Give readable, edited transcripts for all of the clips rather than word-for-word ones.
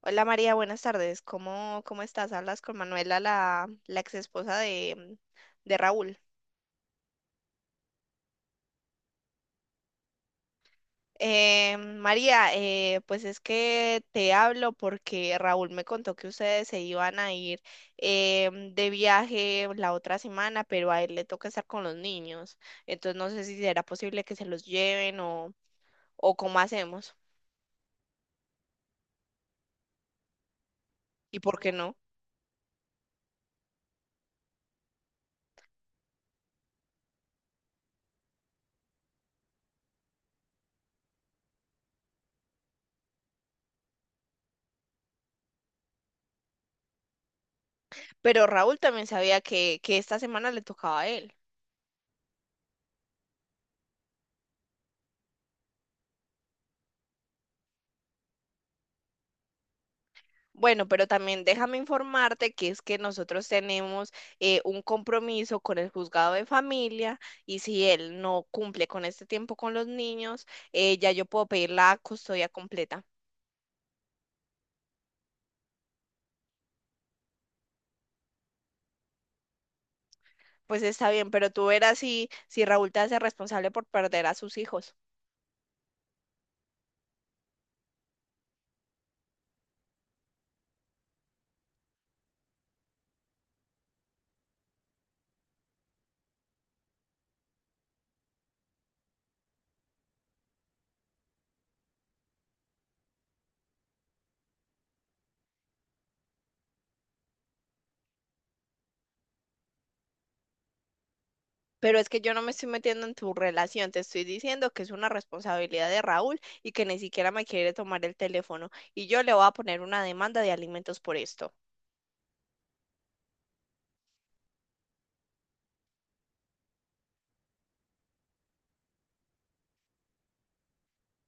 Hola María, buenas tardes. ¿Cómo estás? Hablas con Manuela, la ex esposa de Raúl. María, pues es que te hablo porque Raúl me contó que ustedes se iban a ir de viaje la otra semana, pero a él le toca estar con los niños. Entonces no sé si será posible que se los lleven o cómo hacemos y por qué no. Pero Raúl también sabía que esta semana le tocaba a él. Bueno, pero también déjame informarte que es que nosotros tenemos un compromiso con el juzgado de familia y si él no cumple con este tiempo con los niños, ya yo puedo pedir la custodia completa. Pues está bien, pero tú verás si, si Raúl te hace responsable por perder a sus hijos. Pero es que yo no me estoy metiendo en tu relación, te estoy diciendo que es una responsabilidad de Raúl y que ni siquiera me quiere tomar el teléfono y yo le voy a poner una demanda de alimentos por esto.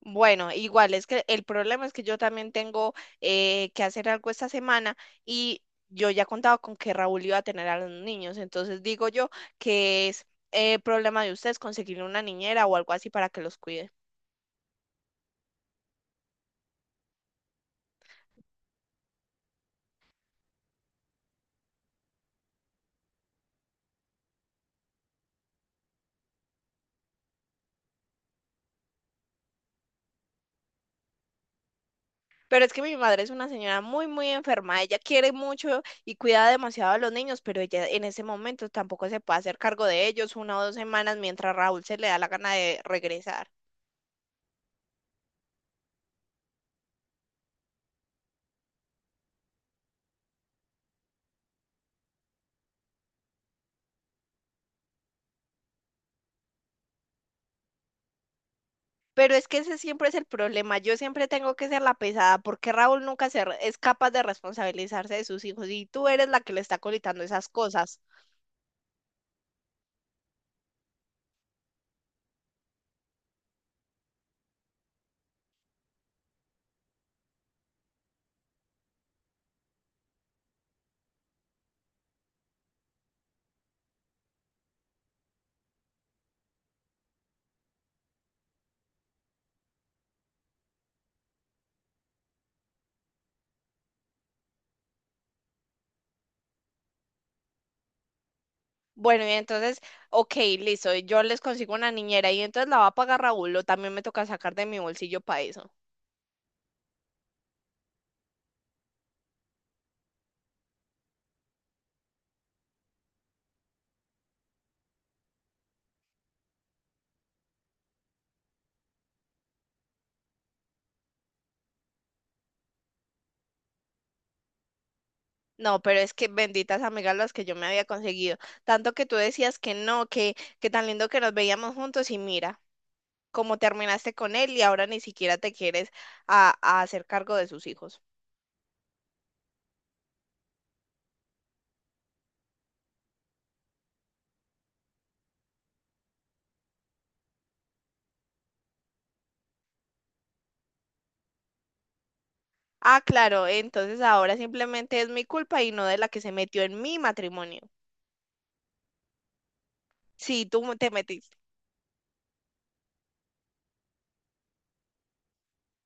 Bueno, igual es que el problema es que yo también tengo que hacer algo esta semana y yo ya contaba con que Raúl iba a tener a los niños, entonces digo yo que es problema de ustedes conseguirle una niñera o algo así para que los cuide. Pero es que mi madre es una señora muy, muy enferma, ella quiere mucho y cuida demasiado a los niños, pero ella en ese momento tampoco se puede hacer cargo de ellos una o dos semanas mientras Raúl se le da la gana de regresar. Pero es que ese siempre es el problema. Yo siempre tengo que ser la pesada porque Raúl nunca es capaz de responsabilizarse de sus hijos y tú eres la que le está colitando esas cosas. Bueno, y entonces, ok, listo, y yo les consigo una niñera y entonces la va a pagar Raúl o también me toca sacar de mi bolsillo para eso. No, pero es que benditas amigas las que yo me había conseguido. Tanto que tú decías que no, que tan lindo que nos veíamos juntos y mira, cómo terminaste con él y ahora ni siquiera te quieres a hacer cargo de sus hijos. Ah, claro, entonces ahora simplemente es mi culpa y no de la que se metió en mi matrimonio. Sí, tú te metiste.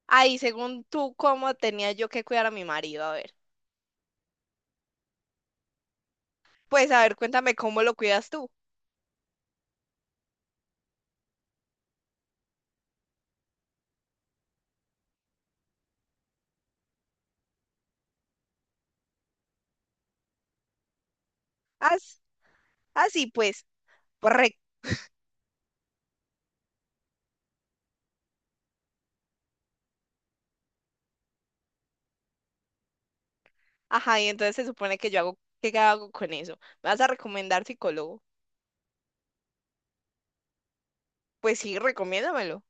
Ahí, según tú, ¿cómo tenía yo que cuidar a mi marido? A ver. Pues, a ver, cuéntame cómo lo cuidas tú. As- Así, pues, correcto. Ajá, y entonces se supone que yo hago, ¿qué hago con eso? ¿Me vas a recomendar psicólogo? Pues sí, recomiéndamelo.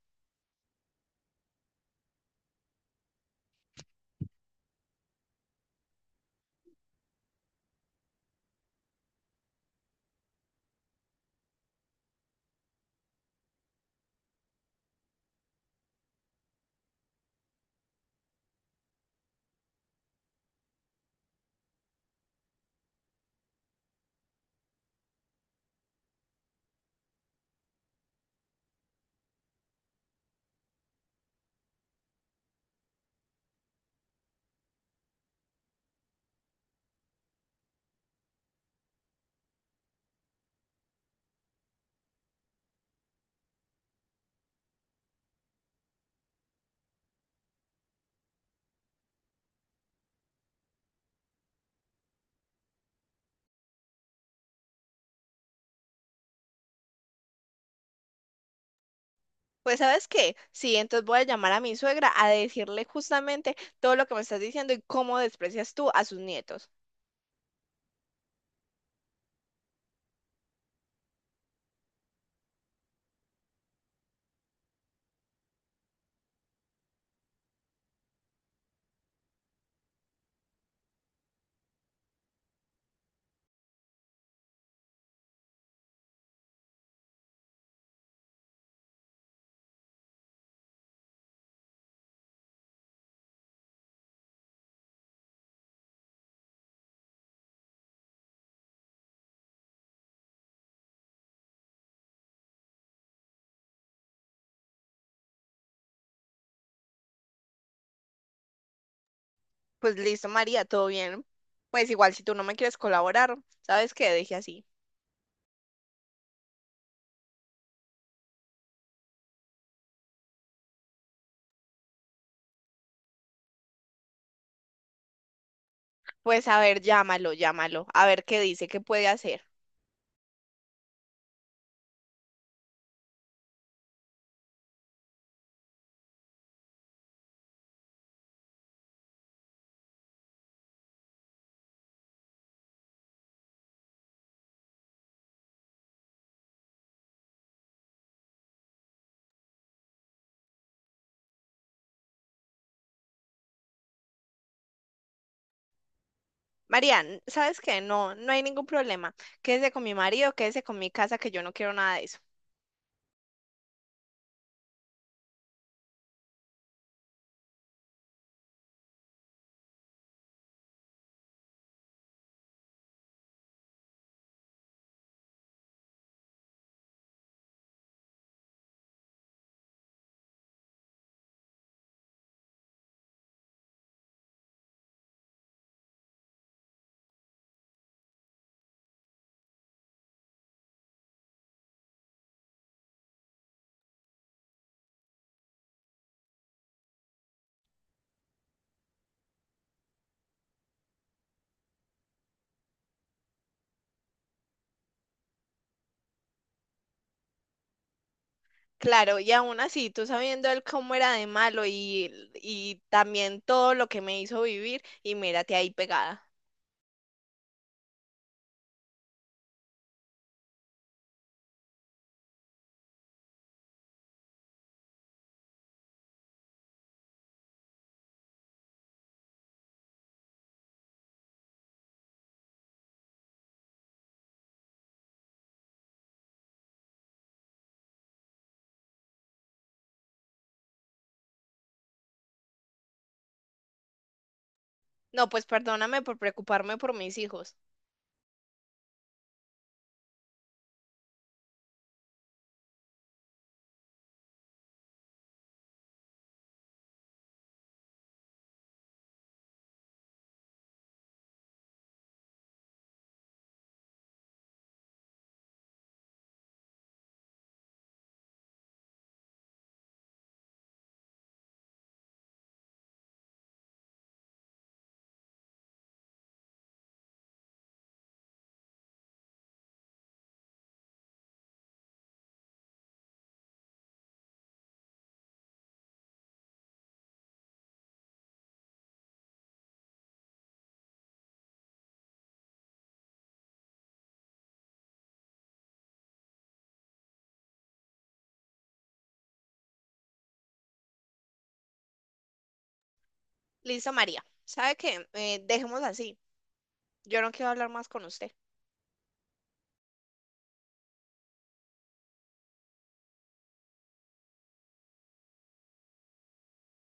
Pues, ¿sabes qué? Sí, entonces voy a llamar a mi suegra a decirle justamente todo lo que me estás diciendo y cómo desprecias tú a sus nietos. Pues listo, María, todo bien. Pues igual si tú no me quieres colaborar, ¿sabes qué? Deje así. Pues a ver, llámalo, llámalo, a ver qué dice, qué puede hacer. María, ¿sabes qué? No, no hay ningún problema. Quédese con mi marido, quédese con mi casa, que yo no quiero nada de eso. Claro, y aún así, tú sabiendo él cómo era de malo y también todo lo que me hizo vivir, y mírate ahí pegada. No, pues perdóname por preocuparme por mis hijos. Listo, María. ¿Sabe qué? Dejemos así. Yo no quiero hablar más con usted.